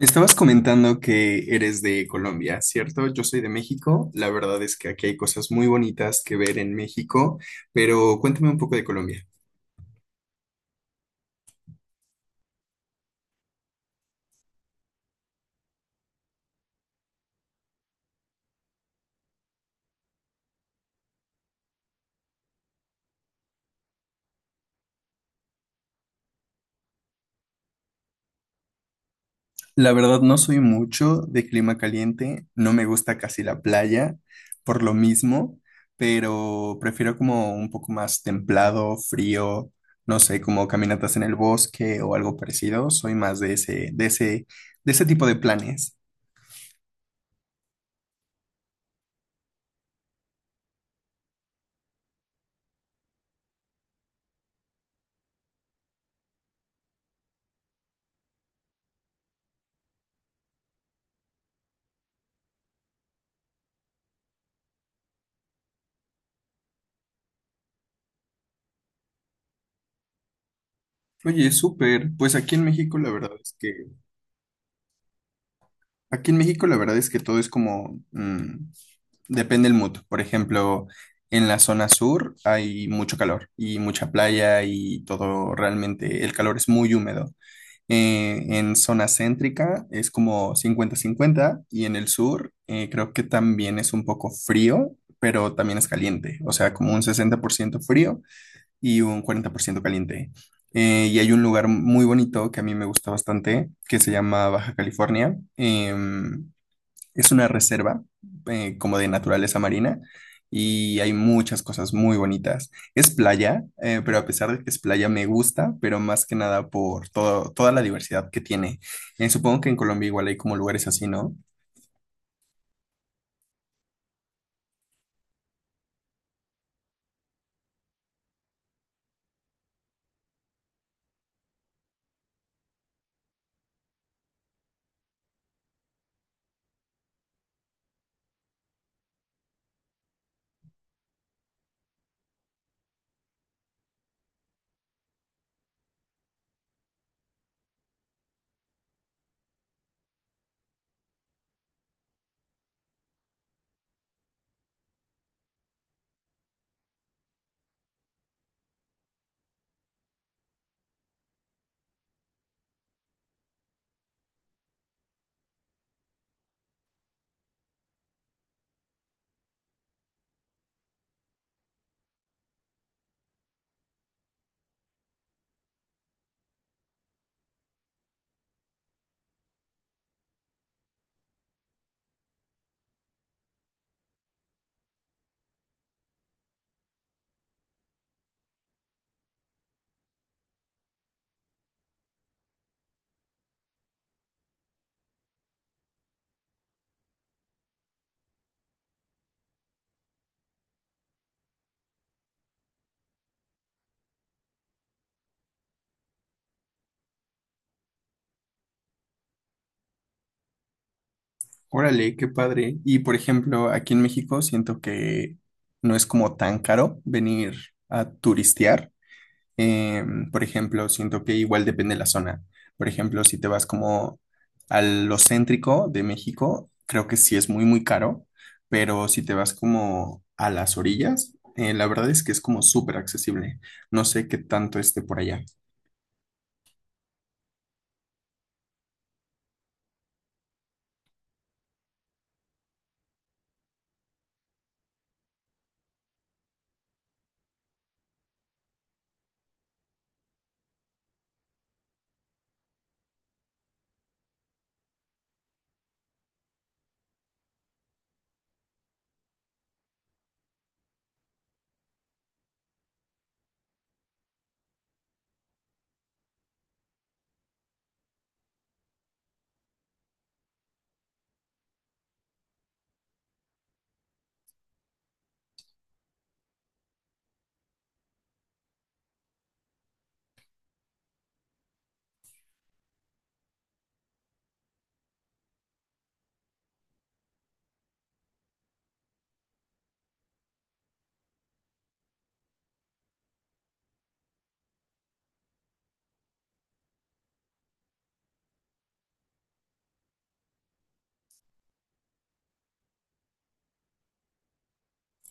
Estabas comentando que eres de Colombia, ¿cierto? Yo soy de México. La verdad es que aquí hay cosas muy bonitas que ver en México, pero cuéntame un poco de Colombia. La verdad no soy mucho de clima caliente, no me gusta casi la playa por lo mismo, pero prefiero como un poco más templado, frío, no sé, como caminatas en el bosque o algo parecido. Soy más de de ese tipo de planes. Oye, súper. Pues aquí en México la verdad es que aquí en México la verdad es que todo es como, depende del mood. Por ejemplo, en la zona sur hay mucho calor y mucha playa y todo realmente, el calor es muy húmedo. En zona céntrica es como cincuenta-cincuenta y en el sur creo que también es un poco frío, pero también es caliente. O sea, como un 60% frío y un 40% caliente. Y hay un lugar muy bonito que a mí me gusta bastante, que se llama Baja California. Es una reserva como de naturaleza marina y hay muchas cosas muy bonitas. Es playa, pero a pesar de que es playa me gusta, pero más que nada por toda la diversidad que tiene. Supongo que en Colombia igual hay como lugares así, ¿no? Órale, qué padre. Y por ejemplo, aquí en México siento que no es como tan caro venir a turistear. Eh, por ejemplo, siento que igual depende de la zona. Por ejemplo, si te vas como a lo céntrico de México, creo que sí es muy, muy caro, pero si te vas como a las orillas, la verdad es que es como súper accesible. No sé qué tanto esté por allá.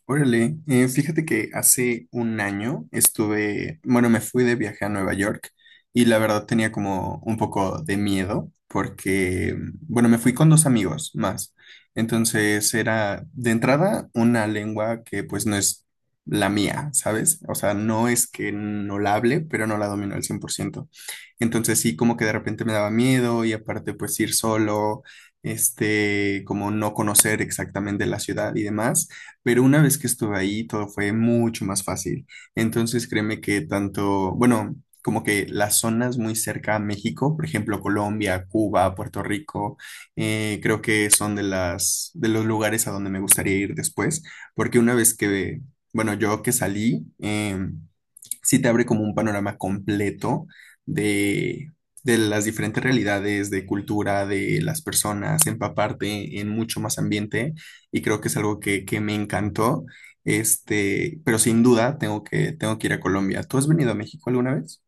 Órale, fíjate que hace un año estuve, bueno, me fui de viaje a Nueva York y la verdad tenía como un poco de miedo porque, bueno, me fui con dos amigos más. Entonces era de entrada una lengua que pues no es la mía, ¿sabes? O sea, no es que no la hable, pero no la domino al 100%. Entonces sí, como que de repente me daba miedo y aparte pues ir solo, este, como no conocer exactamente la ciudad y demás. Pero una vez que estuve ahí, todo fue mucho más fácil. Entonces, créeme que tanto, bueno, como que las zonas muy cerca a México, por ejemplo, Colombia, Cuba, Puerto Rico, creo que son de los lugares a donde me gustaría ir después, porque una vez que, bueno, yo que salí, sí te abre como un panorama completo de, de las diferentes realidades, de cultura, de las personas, empaparte en mucho más ambiente y creo que es algo que me encantó. Este, pero sin duda tengo que ir a Colombia. ¿Tú has venido a México alguna vez?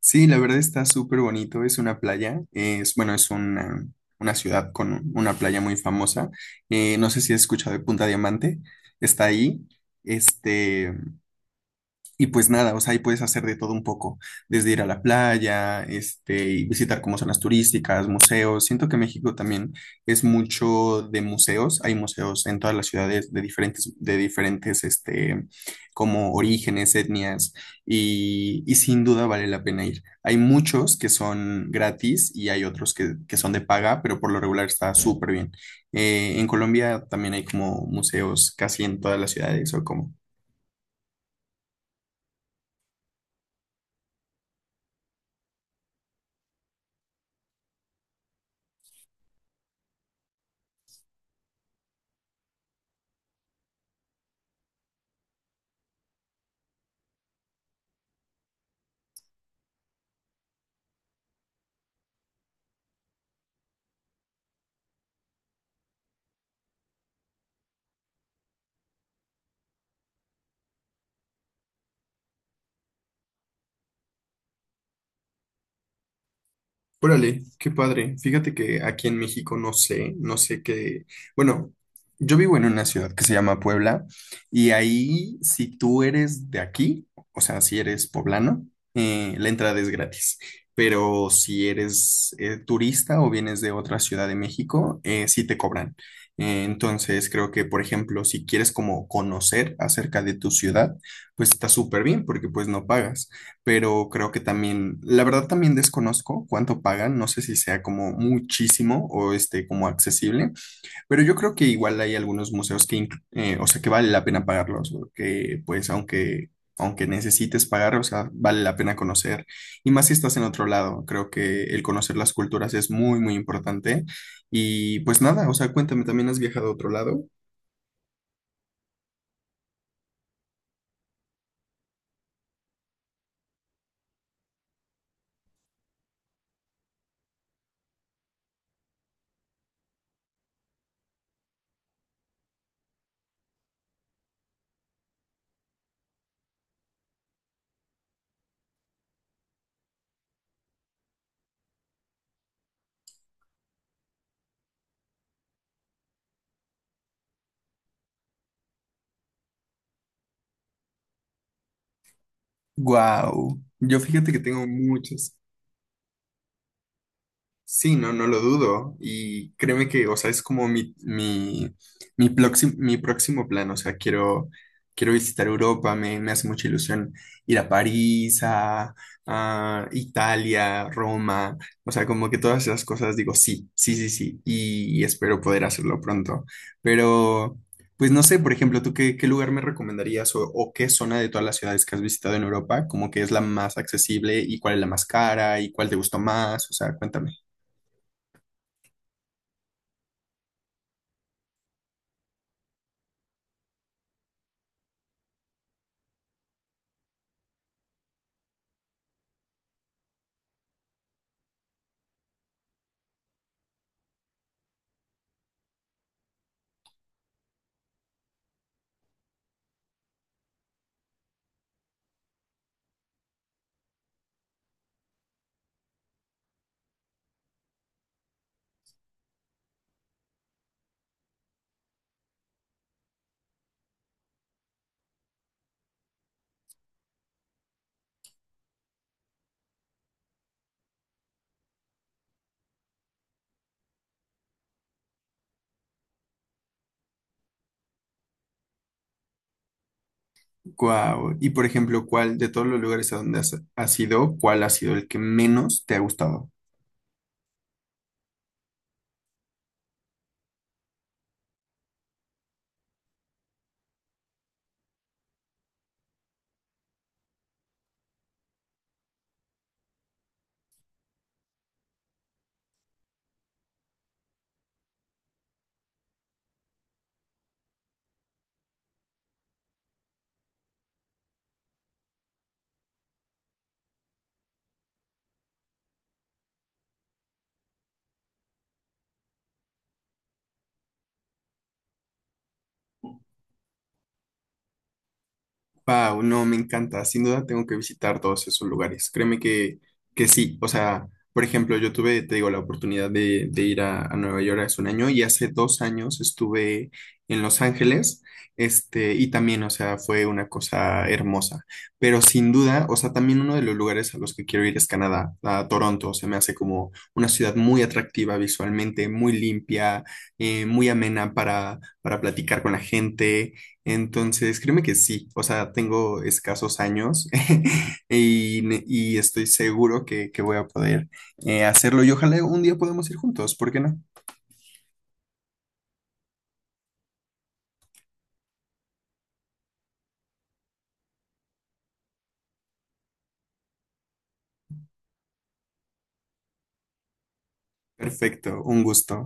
Sí, la verdad está súper bonito. Es una playa, es, bueno, es una ciudad con una playa muy famosa. No sé si has escuchado de Punta Diamante, está ahí. Este, y pues nada, o sea, ahí puedes hacer de todo un poco, desde ir a la playa, este, y visitar como zonas turísticas, museos. Siento que México también es mucho de museos. Hay museos en todas las ciudades de diferentes, este, como orígenes, etnias, y sin duda vale la pena ir. Hay muchos que son gratis y hay otros que son de paga, pero por lo regular está súper bien. En Colombia también hay como museos casi en todas las ciudades o como... Órale, qué padre. Fíjate que aquí en México no sé, no sé qué. Bueno, yo vivo en una ciudad que se llama Puebla y ahí si tú eres de aquí, o sea, si eres poblano, la entrada es gratis. Pero si eres turista o vienes de otra ciudad de México, sí te cobran. Entonces creo que, por ejemplo, si quieres como conocer acerca de tu ciudad, pues está súper bien porque pues no pagas, pero creo que también, la verdad también desconozco cuánto pagan, no sé si sea como muchísimo o este como accesible, pero yo creo que igual hay algunos museos que, o sea, que vale la pena pagarlos, o que pues aunque, aunque necesites pagar, o sea, vale la pena conocer, y más si estás en otro lado, creo que el conocer las culturas es muy, muy importante, y pues nada, o sea, cuéntame, ¿también has viajado a otro lado? Wow, yo fíjate que tengo muchas. Sí, no, no lo dudo. Y créeme que, o sea, es como mi próximo plan. O sea, quiero visitar Europa, me hace mucha ilusión ir a París, a Italia, Roma. O sea, como que todas esas cosas digo, sí, sí, sí, sí. Y espero poder hacerlo pronto. Pero, pues no sé, por ejemplo, ¿tú qué, qué lugar me recomendarías o qué zona de todas las ciudades que has visitado en Europa, como que es la más accesible y cuál es la más cara y cuál te gustó más? O sea, cuéntame. Guau. Y por ejemplo, ¿cuál de todos los lugares a donde has ido, cuál ha sido el que menos te ha gustado? Wow, no, me encanta. Sin duda tengo que visitar todos esos lugares. Créeme que sí. O sea, por ejemplo, yo tuve, te digo, la oportunidad de ir a Nueva York hace un año y hace dos años estuve en Los Ángeles. Este, y también, o sea, fue una cosa hermosa. Pero sin duda, o sea, también uno de los lugares a los que quiero ir es Canadá, a Toronto. Se me hace como una ciudad muy atractiva visualmente, muy limpia, muy amena para platicar con la gente. Entonces, créeme que sí, o sea, tengo escasos años y, y estoy seguro que voy a poder hacerlo y ojalá un día podamos ir juntos, ¿por qué no? Perfecto, un gusto.